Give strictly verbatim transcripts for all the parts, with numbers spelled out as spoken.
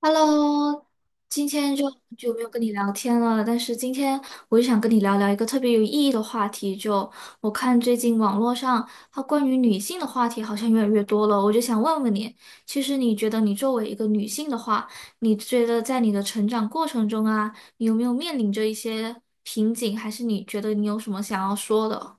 Hello，今天就就没有跟你聊天了，但是今天我就想跟你聊聊一个特别有意义的话题。就我看最近网络上它关于女性的话题好像越来越多了，我就想问问你，其实你觉得你作为一个女性的话，你觉得在你的成长过程中啊，你有没有面临着一些瓶颈，还是你觉得你有什么想要说的？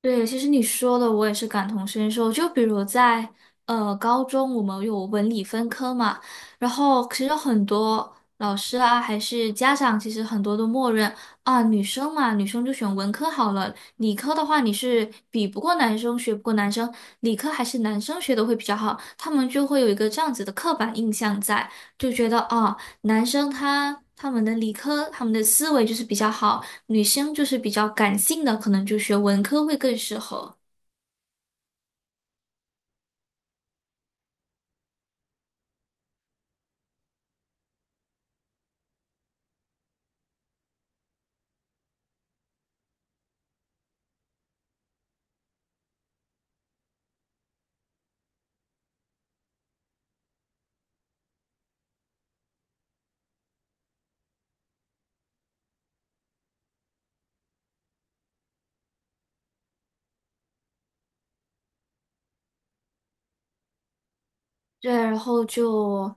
对，其实你说的我也是感同身受。就比如在呃高中，我们有文理分科嘛，然后其实很多老师啊，还是家长，其实很多都默认啊，女生嘛，女生就选文科好了，理科的话你是比不过男生，学不过男生，理科还是男生学的会比较好，他们就会有一个这样子的刻板印象在，就觉得啊，男生他他们的理科，他们的思维就是比较好。女生就是比较感性的，可能就学文科会更适合。对，然后就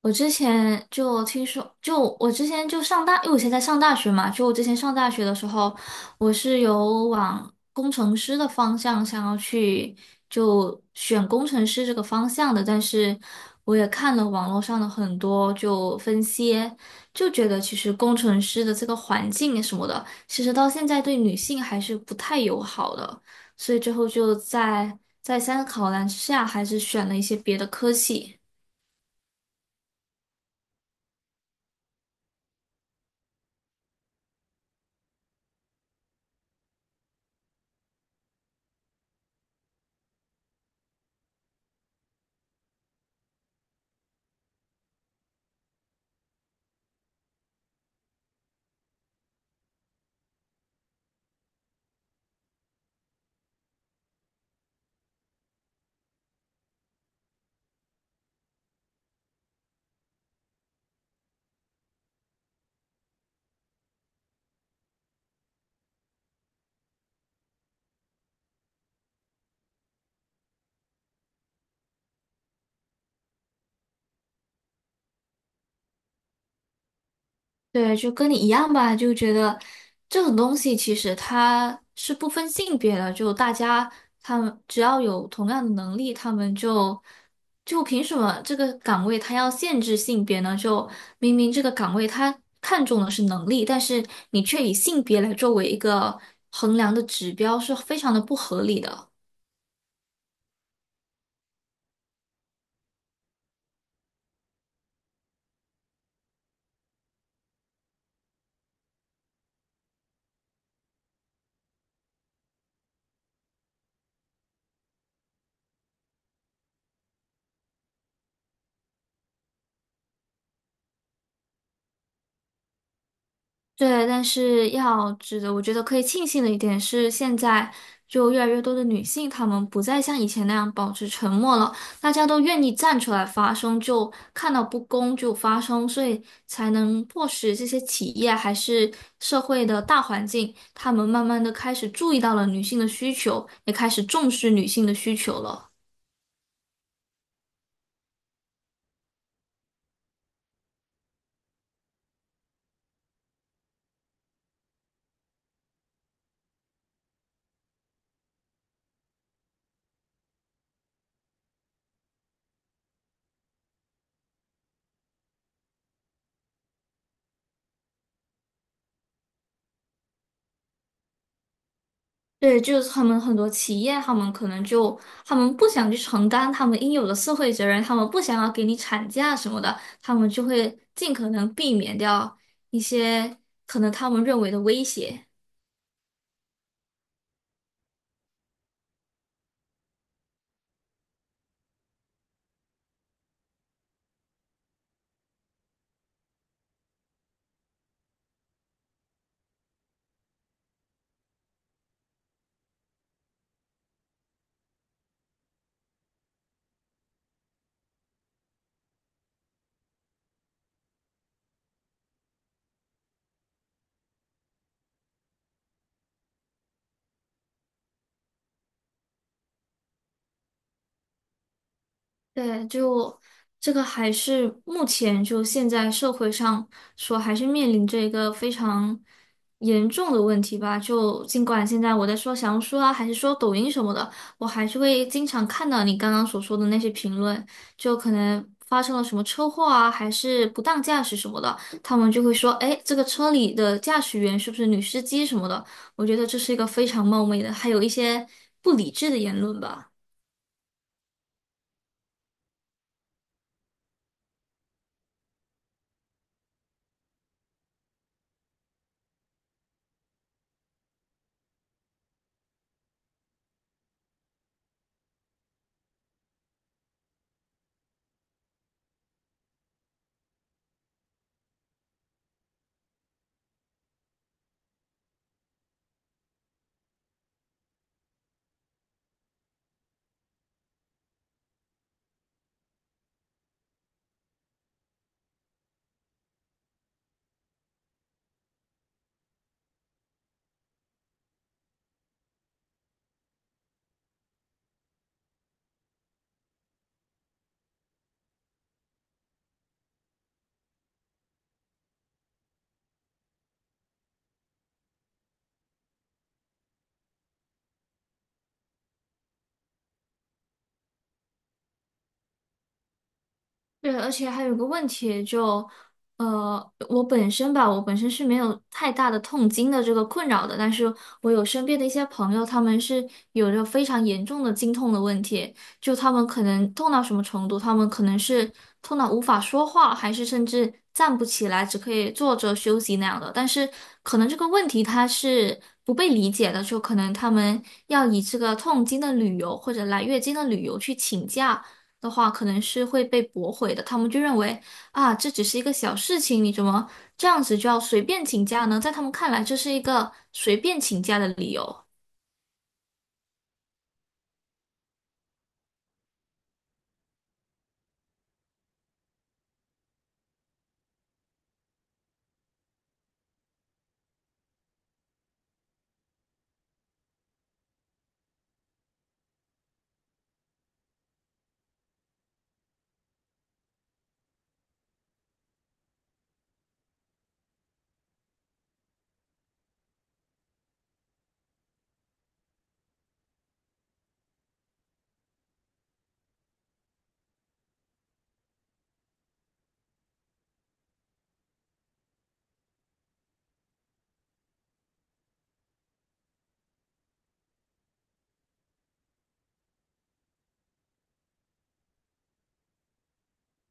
我之前就听说，就我之前就上大，因为我现在上大学嘛，就我之前上大学的时候，我是有往工程师的方向想要去，就选工程师这个方向的，但是我也看了网络上的很多就分析，就觉得其实工程师的这个环境什么的，其实到现在对女性还是不太友好的。所以最后就在再三个考量之下，还是选了一些别的科系。对，就跟你一样吧，就觉得这种东西其实它是不分性别的，就大家他们只要有同样的能力，他们就就凭什么这个岗位它要限制性别呢？就明明这个岗位它看重的是能力，但是你却以性别来作为一个衡量的指标，是非常的不合理的。对，但是要值得，我觉得可以庆幸的一点是，现在就越来越多的女性，她们不再像以前那样保持沉默了，大家都愿意站出来发声，就看到不公就发声，所以才能迫使这些企业还是社会的大环境，他们慢慢的开始注意到了女性的需求，也开始重视女性的需求了。对，就是他们很多企业，他们可能就他们不想去承担他们应有的社会责任，他们不想要给你产假什么的，他们就会尽可能避免掉一些可能他们认为的威胁。对，就这个还是目前就现在社会上说，还是面临着一个非常严重的问题吧。就尽管现在我在说小红书啊，还是说抖音什么的，我还是会经常看到你刚刚所说的那些评论，就可能发生了什么车祸啊，还是不当驾驶什么的，他们就会说，哎，这个车里的驾驶员是不是女司机什么的？我觉得这是一个非常冒昧的，还有一些不理智的言论吧。对，而且还有个问题就，呃，我本身吧，我本身是没有太大的痛经的这个困扰的，但是我有身边的一些朋友，他们是有着非常严重的经痛的问题，就他们可能痛到什么程度，他们可能是痛到无法说话，还是甚至站不起来，只可以坐着休息那样的。但是可能这个问题它是不被理解的，就可能他们要以这个痛经的理由或者来月经的理由去请假。的话，可能是会被驳回的。他们就认为啊，这只是一个小事情，你怎么这样子就要随便请假呢？在他们看来，这是一个随便请假的理由。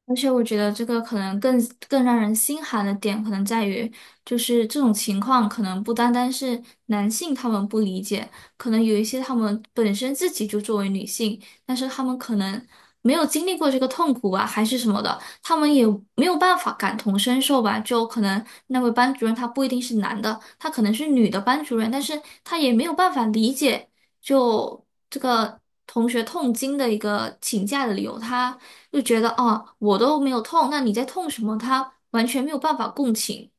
而且我觉得这个可能更更让人心寒的点，可能在于就是这种情况，可能不单单是男性他们不理解，可能有一些他们本身自己就作为女性，但是他们可能没有经历过这个痛苦啊，还是什么的，他们也没有办法感同身受吧。就可能那位班主任他不一定是男的，他可能是女的班主任，但是他也没有办法理解。就这个同学痛经的一个请假的理由，他就觉得哦，我都没有痛，那你在痛什么？他完全没有办法共情。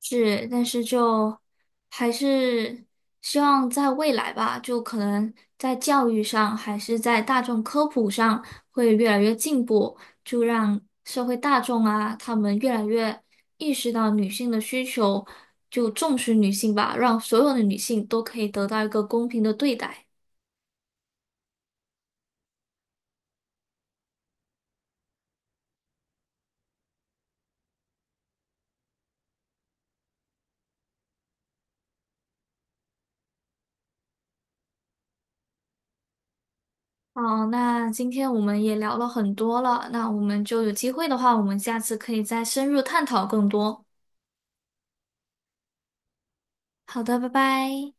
是，但是就还是希望在未来吧，就可能在教育上，还是在大众科普上会越来越进步，就让社会大众啊，他们越来越意识到女性的需求，就重视女性吧，让所有的女性都可以得到一个公平的对待。好，那今天我们也聊了很多了，那我们就有机会的话，我们下次可以再深入探讨更多。好的，拜拜。